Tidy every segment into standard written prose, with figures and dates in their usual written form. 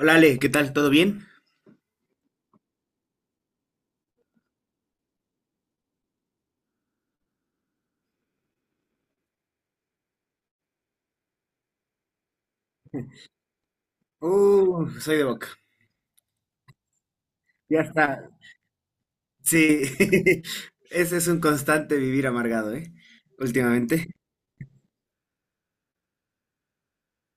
Hola Ale, ¿qué tal? ¿Todo bien? Soy de Boca. Ya está. Sí, ese es un constante vivir amargado, ¿eh? Últimamente.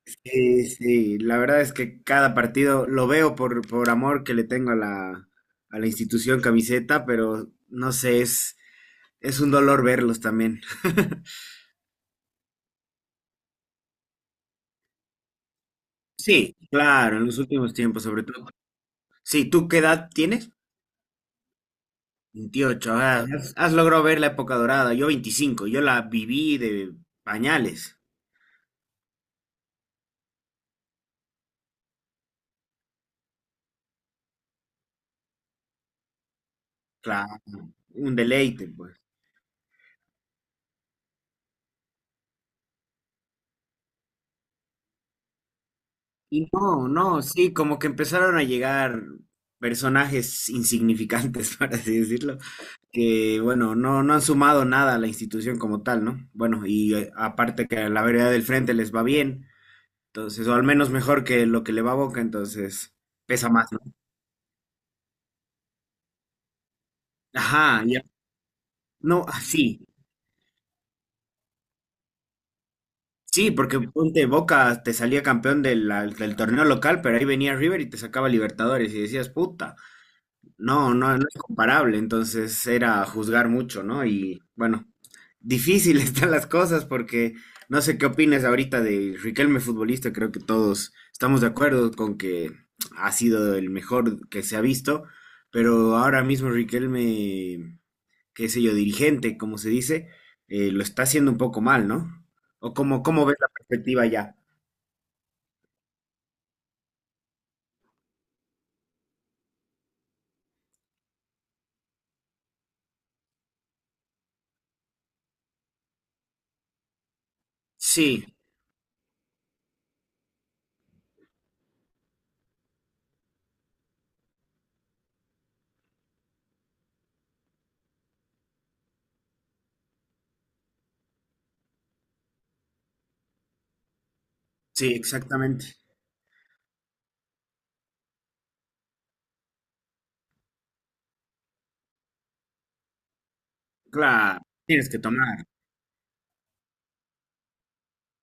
Sí, sí, la verdad es que cada partido lo veo por amor que le tengo a la institución camiseta, pero no sé, es un dolor verlos también. Sí, claro, en los últimos tiempos, sobre todo. Sí, ¿tú qué edad tienes? 28. Ah, has logrado ver la época dorada. Yo 25. Yo la viví de pañales. Claro, un deleite, pues. Y no, no, sí, como que empezaron a llegar personajes insignificantes, para así decirlo, que, bueno, no, no han sumado nada a la institución como tal, ¿no? Bueno, y aparte que a la vereda del frente les va bien, entonces, o al menos mejor que lo que le va a Boca, entonces pesa más, ¿no? Ajá, ya. No, ah, sí. Sí, porque ponte Boca te salía campeón de la- del torneo local, pero ahí venía River y te sacaba Libertadores y decías, puta, no, no, no es comparable. Entonces era juzgar mucho, ¿no? Y bueno, difícil están las cosas porque no sé qué opinas ahorita de Riquelme futbolista, creo que todos estamos de acuerdo con que ha sido el mejor que se ha visto, pero ahora mismo Riquelme, qué sé yo, dirigente, como se dice, lo está haciendo un poco mal, ¿no? ¿O cómo, cómo ves la perspectiva ya? Sí, sí, exactamente. Claro, tienes que tomar.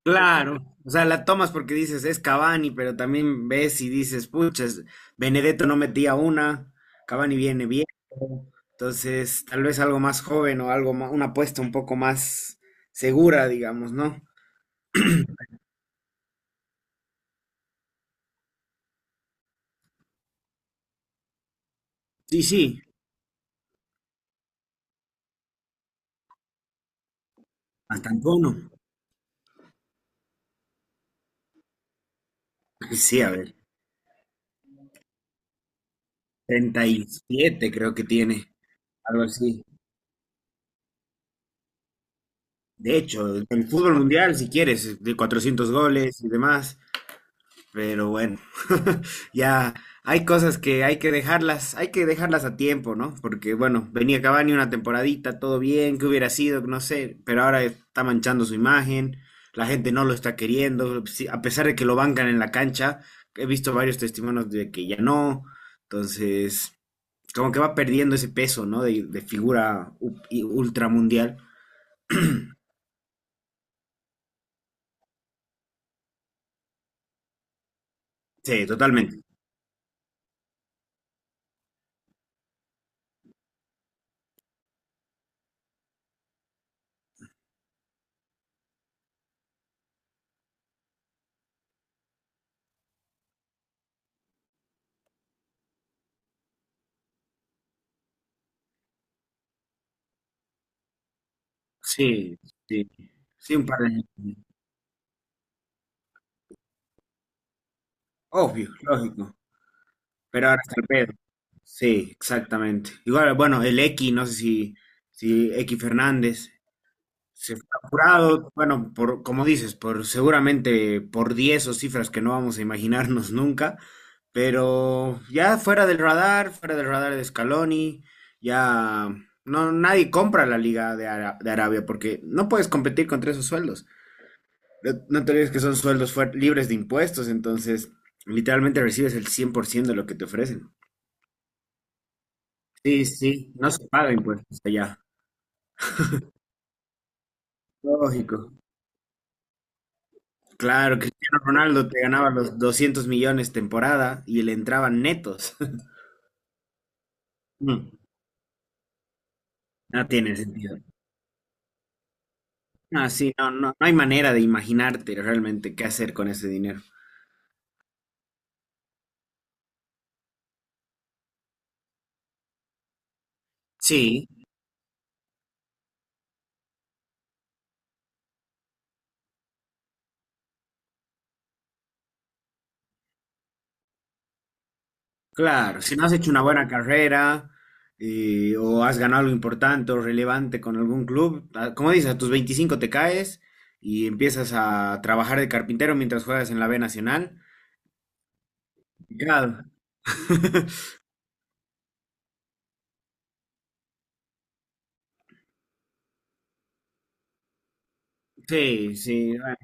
Claro, o sea, la tomas porque dices es Cavani, pero también ves y dices, puchas, Benedetto no metía una, Cavani viene bien, entonces tal vez algo más joven o algo ma- una apuesta un poco más segura, digamos, ¿no? Sí, sí, hasta Antonio. Sí, a ver, 37 creo que tiene. Algo así. De hecho, el fútbol mundial, si quieres, de 400 goles y demás, pero bueno, ya hay cosas que hay que dejarlas a tiempo, ¿no? Porque bueno, venía Cavani una temporadita, todo bien, que hubiera sido, no sé, pero ahora está manchando su imagen, la gente no lo está queriendo, sí, a pesar de que lo bancan en la cancha, he visto varios testimonios de que ya no, entonces como que va perdiendo ese peso, ¿no? De figura u- y ultramundial. Sí, totalmente. Sí, sí. Sí, un par de años. Obvio, lógico. Pero ahora está el pedo. Sí, exactamente. Igual, bueno, el X, no sé si, si X Fernández se fue apurado, bueno, por, como dices, por seguramente por 10 o cifras que no vamos a imaginarnos nunca, pero ya fuera del radar de Scaloni, ya no, nadie compra la liga de, Ara- de Arabia porque no puedes competir contra esos sueldos. No, no te olvides que son sueldos fuer- libres de impuestos, entonces literalmente recibes el 100% de lo que te ofrecen. Sí, sí, no se paga impuestos allá. Lógico. Claro, Cristiano Ronaldo te ganaba los 200 millones temporada y le entraban netos. Mm, no tiene sentido. Ah, sí, no, no, no hay manera de imaginarte realmente qué hacer con ese dinero. Sí, claro, si no has hecho una buena carrera o has ganado algo importante o relevante con algún club, a- como dices, a tus 25 te caes y empiezas a trabajar de carpintero mientras juegas en la B Nacional. Claro. Sí, sí, bueno,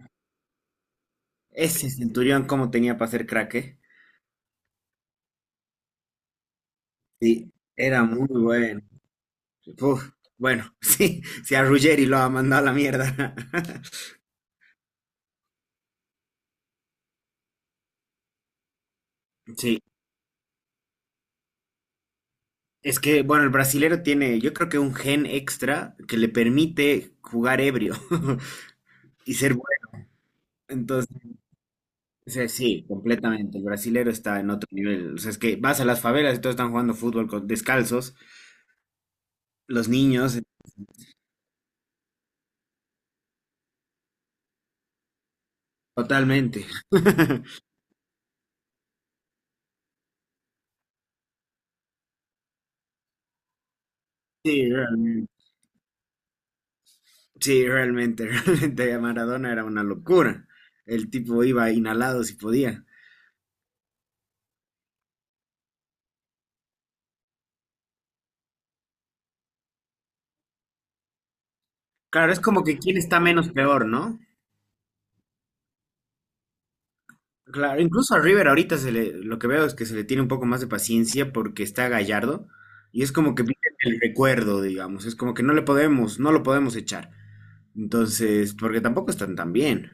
ese Centurión, ¿cómo tenía para ser crack, eh? Sí, era muy bueno. Uf, bueno, sí, si a Ruggeri lo ha mandado a la mierda. Sí. Es que, bueno, el brasilero tiene, yo creo que un gen extra que le permite jugar ebrio y ser bueno. Entonces, o sea, sí, completamente. El brasilero está en otro nivel. O sea, es que vas a las favelas y todos están jugando fútbol con, descalzos. Los niños, totalmente. Sí, realmente. Sí, realmente, realmente. Maradona era una locura. El tipo iba inhalado si podía. Claro, es como que quién está menos peor, ¿no? Claro, incluso a River ahorita se le, lo que veo es que se le tiene un poco más de paciencia porque está Gallardo y es como que vive el recuerdo, digamos, es como que no le podemos, no lo podemos echar. Entonces, porque tampoco están tan bien.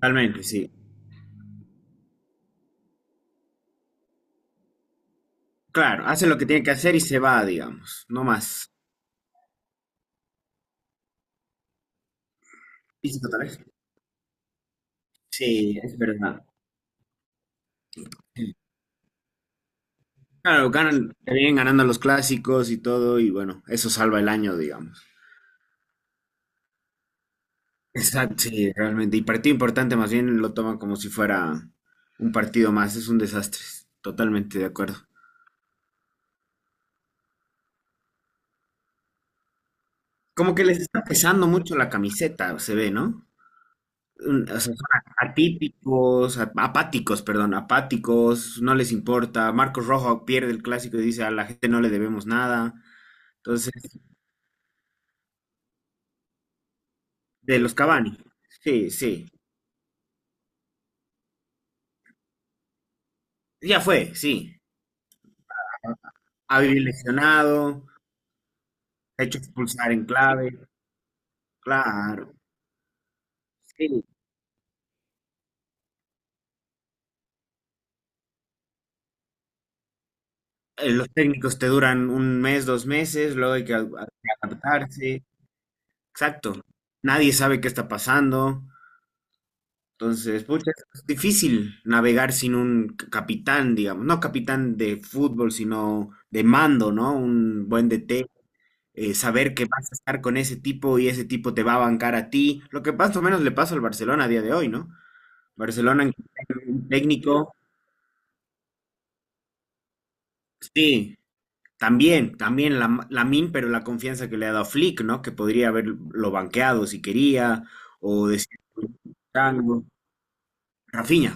Realmente, sí. Claro, hace lo que tiene que hacer y se va, digamos, no más. Y sí, tal, sí, es verdad. Claro, ganan, le vienen ganando los clásicos y todo, y bueno, eso salva el año, digamos. Exacto, sí, realmente. Y partido importante, más bien lo toman como si fuera un partido más, es un desastre, totalmente de acuerdo. Como que les está pesando mucho la camiseta, se ve, ¿no? Un- o sea, son atípicos, a- apáticos, perdón, apáticos, no les importa. Marcos Rojo pierde el clásico y dice a la gente no le debemos nada. Entonces, de los Cavani, sí, sí, ya fue, sí. Había lesionado. Hecho expulsar en clave, claro. Sí, los técnicos te duran un mes, dos meses, luego hay que adaptarse. Exacto. Nadie sabe qué está pasando. Entonces, pucha, es difícil navegar sin un c- capitán, digamos. No capitán de fútbol, sino de mando, ¿no? Un buen DT. Saber que vas a estar con ese tipo y ese tipo te va a bancar a ti. Lo que más o menos le pasa al Barcelona a día de hoy, ¿no? Barcelona, en un técnico, sí, también, también la, Lamin, pero la confianza que le ha dado Flick, ¿no? Que podría haberlo banqueado si quería, o decir algo. Rafinha,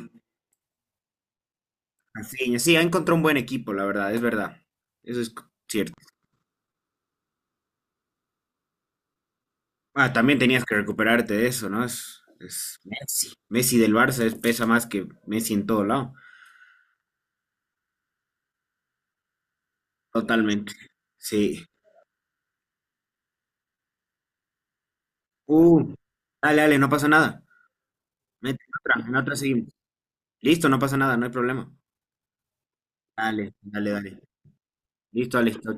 Rafinha, sí, ha encontrado un buen equipo, la verdad, es verdad. Eso es cierto. Ah, también tenías que recuperarte de eso, ¿no? Es Messi. Messi del Barça es- pesa más que Messi en todo lado. Totalmente. Sí. Uh, dale, dale, no pasa nada. Mete en otra seguimos. Listo, no pasa nada, no hay problema. Dale, dale, dale. Listo, listo